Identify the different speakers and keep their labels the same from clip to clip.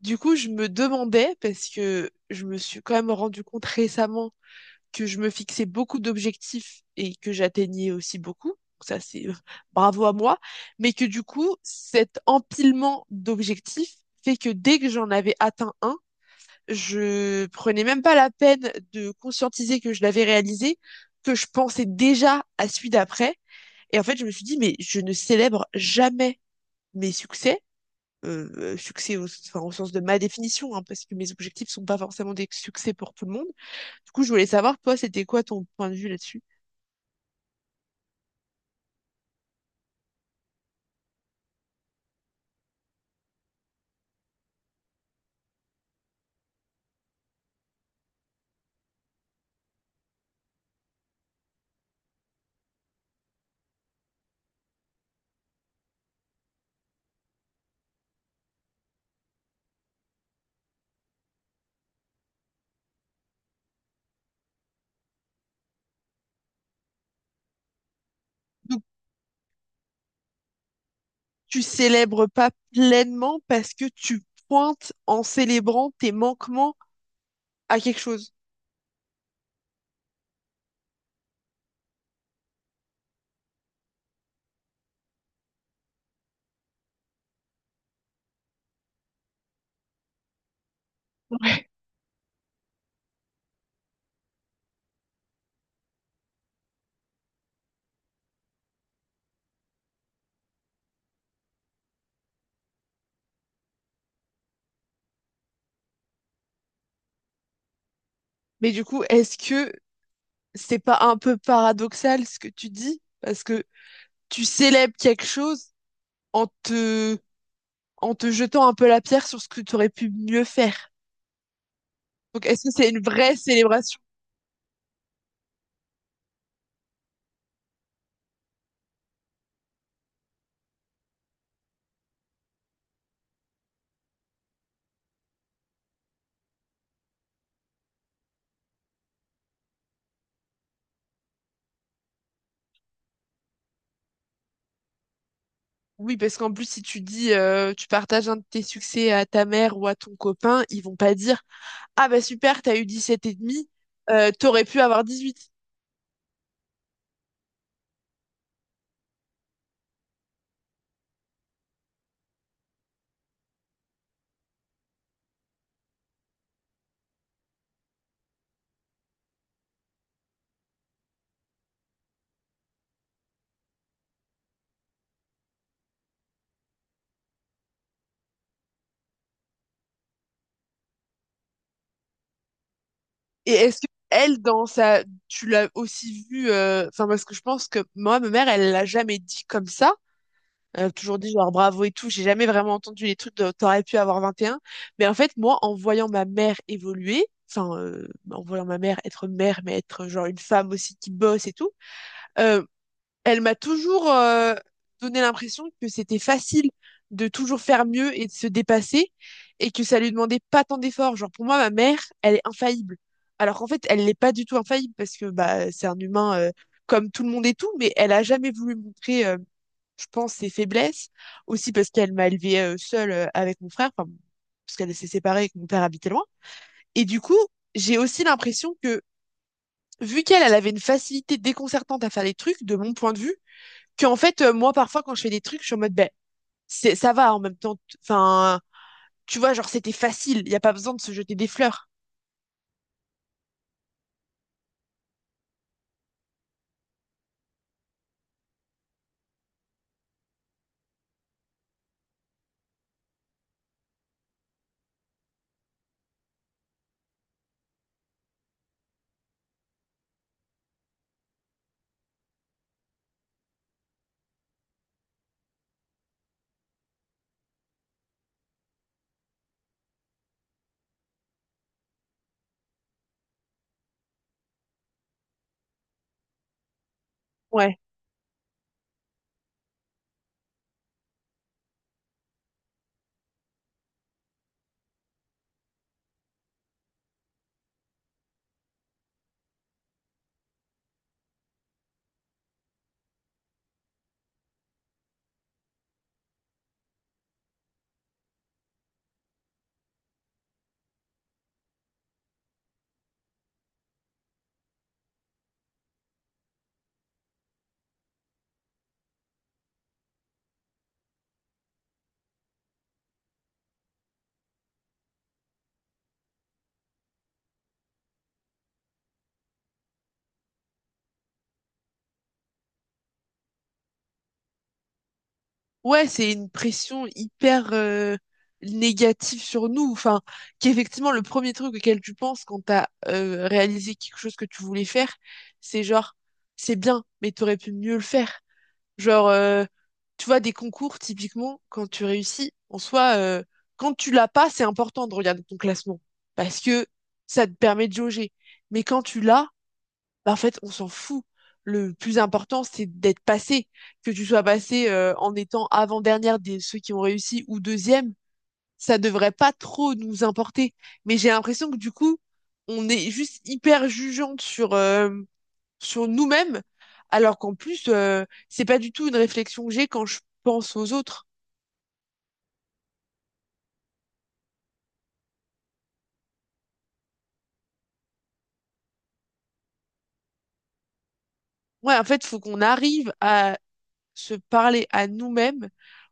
Speaker 1: Du coup, je me demandais, parce que je me suis quand même rendu compte récemment que je me fixais beaucoup d'objectifs et que j'atteignais aussi beaucoup. Ça, c'est bravo à moi. Mais que du coup, cet empilement d'objectifs fait que dès que j'en avais atteint un, je prenais même pas la peine de conscientiser que je l'avais réalisé, que je pensais déjà à celui d'après. Et en fait, je me suis dit, mais je ne célèbre jamais mes succès au, enfin, au sens de ma définition, hein, parce que mes objectifs sont pas forcément des succès pour tout le monde. Du coup, je voulais savoir, toi, c'était quoi ton point de vue là-dessus? Donc, tu célèbres pas pleinement parce que tu pointes en célébrant tes manquements à quelque chose. Mais du coup, est-ce que c'est pas un peu paradoxal ce que tu dis? Parce que tu célèbres quelque chose en te, en te jetant un peu la pierre sur ce que tu aurais pu mieux faire. Donc, est-ce que c'est une vraie célébration? Oui, parce qu'en plus, si tu dis, tu partages un de tes succès à ta mère ou à ton copain, ils vont pas dire, ah bah super, t'as eu 17 et demi, t'aurais pu avoir 18. Et est-ce que elle, dans sa, tu l'as aussi vu, enfin parce que je pense que moi, ma mère, elle l'a jamais dit comme ça. Elle a toujours dit genre bravo et tout. J'ai jamais vraiment entendu les trucs de t'aurais pu avoir 21. Mais en fait, moi, en voyant ma mère évoluer, en voyant ma mère être mère, mais être genre une femme aussi qui bosse et tout. euh, Elle m'a toujours donné l'impression que c'était facile de toujours faire mieux et de se dépasser et que ça lui demandait pas tant d'efforts. Genre pour moi, ma mère, elle est infaillible. Alors qu'en fait, elle n'est pas du tout infaillible parce que bah c'est un humain comme tout le monde et tout, mais elle a jamais voulu montrer, je pense, ses faiblesses. Aussi parce qu'elle m'a élevée seule avec mon frère, enfin, parce qu'elle s'est séparée et que mon père habitait loin. Et du coup, j'ai aussi l'impression que vu qu'elle, elle avait une facilité déconcertante à faire les trucs, de mon point de vue, qu'en fait, moi, parfois, quand je fais des trucs, je suis en mode, ben, c'est, ça va en même temps. Enfin, tu vois, genre, c'était facile. Il n'y a pas besoin de se jeter des fleurs. Ouais. Ouais, c'est une pression hyper négative sur nous. Enfin, qu'effectivement, le premier truc auquel tu penses quand t'as as réalisé quelque chose que tu voulais faire, c'est genre, c'est bien, mais t'aurais pu mieux le faire. Genre, euh, Tu vois, des concours, typiquement, quand tu réussis, en soi, quand tu l'as pas, c'est important de regarder ton classement. Parce que ça te permet de jauger. Mais quand tu l'as, bah, en fait, on s'en fout. Le plus important, c'est d'être passé. Que tu sois passé, en étant avant-dernière des ceux qui ont réussi ou deuxième, ça devrait pas trop nous importer. Mais j'ai l'impression que du coup, on est juste hyper jugeante sur sur nous-mêmes, alors qu'en plus, c'est pas du tout une réflexion que j'ai quand je pense aux autres. Ouais, en fait, faut qu'on arrive à se parler à nous-mêmes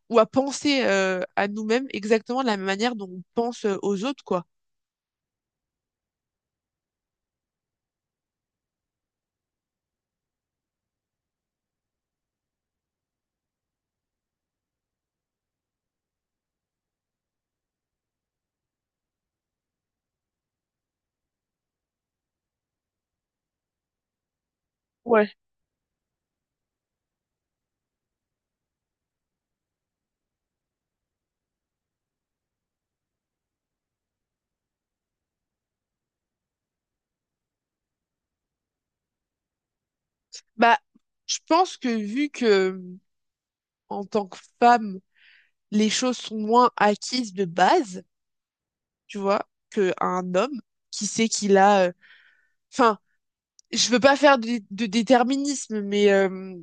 Speaker 1: ou à penser à nous-mêmes exactement de la même manière dont on pense aux autres, quoi. Ouais. Bah, je pense que vu que en tant que femme, les choses sont moins acquises de base, tu vois, qu'un homme qui sait qu'il a... Enfin, je veux pas faire de déterminisme, mais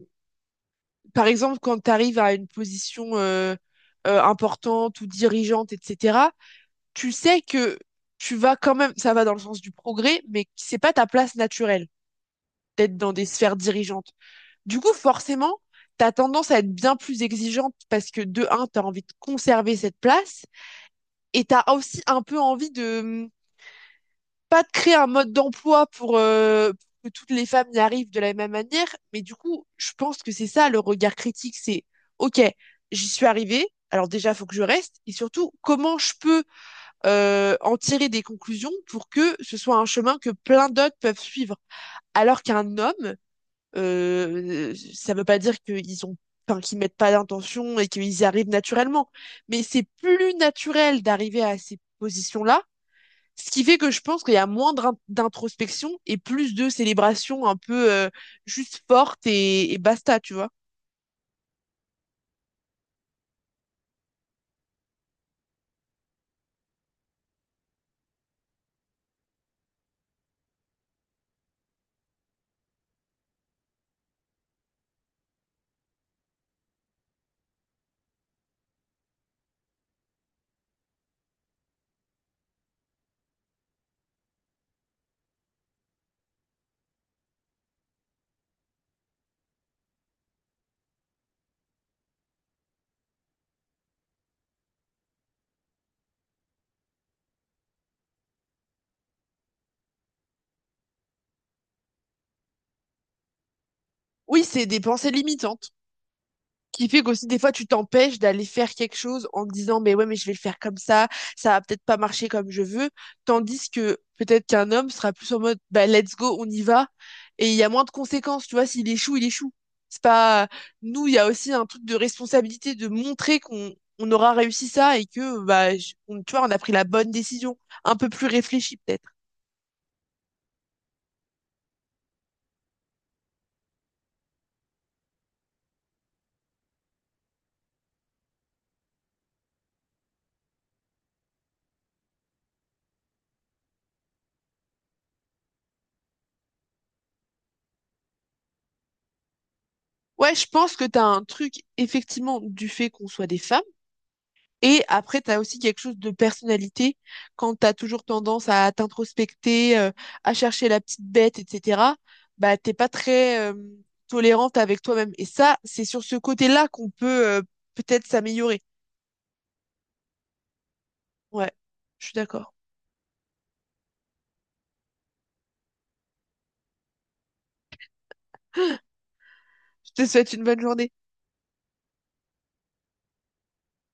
Speaker 1: par exemple, quand tu arrives à une position importante ou dirigeante, etc., tu sais que tu vas quand même, ça va dans le sens du progrès, mais c'est pas ta place naturelle d'être dans des sphères dirigeantes. Du coup, forcément, t'as tendance à être bien plus exigeante parce que de un, t'as envie de conserver cette place et t'as aussi un peu envie de pas de créer un mode d'emploi pour que toutes les femmes y arrivent de la même manière, mais du coup, je pense que c'est ça le regard critique, c'est OK, j'y suis arrivée, alors déjà, faut que je reste, et surtout, comment je peux en tirer des conclusions pour que ce soit un chemin que plein d'autres peuvent suivre. Alors qu'un homme, ça veut pas dire qu'ils ont Enfin, qu'ils mettent pas d'intention et qu'ils y arrivent naturellement. Mais c'est plus naturel d'arriver à ces positions-là ce qui fait que je pense qu'il y a moins d'introspection et plus de célébration un peu juste forte et basta, tu vois. Oui, c'est des pensées limitantes qui fait qu'aussi des fois tu t'empêches d'aller faire quelque chose en te disant mais ouais mais je vais le faire comme ça va peut-être pas marcher comme je veux, tandis que peut-être qu'un homme sera plus en mode bah let's go on y va, et il y a moins de conséquences tu vois, s'il échoue il échoue, c'est pas nous, il y a aussi un truc de responsabilité de montrer qu'on aura réussi ça et que bah tu vois on a pris la bonne décision un peu plus réfléchie peut-être. Ouais je pense que t'as un truc effectivement du fait qu'on soit des femmes. Et après, tu as aussi quelque chose de personnalité, quand tu as toujours tendance à t'introspecter, à chercher la petite bête, etc., bah, t'es pas très tolérante avec toi-même. Et ça, c'est sur ce côté-là qu'on peut peut-être s'améliorer. Ouais, je suis d'accord. Je te souhaite une bonne journée.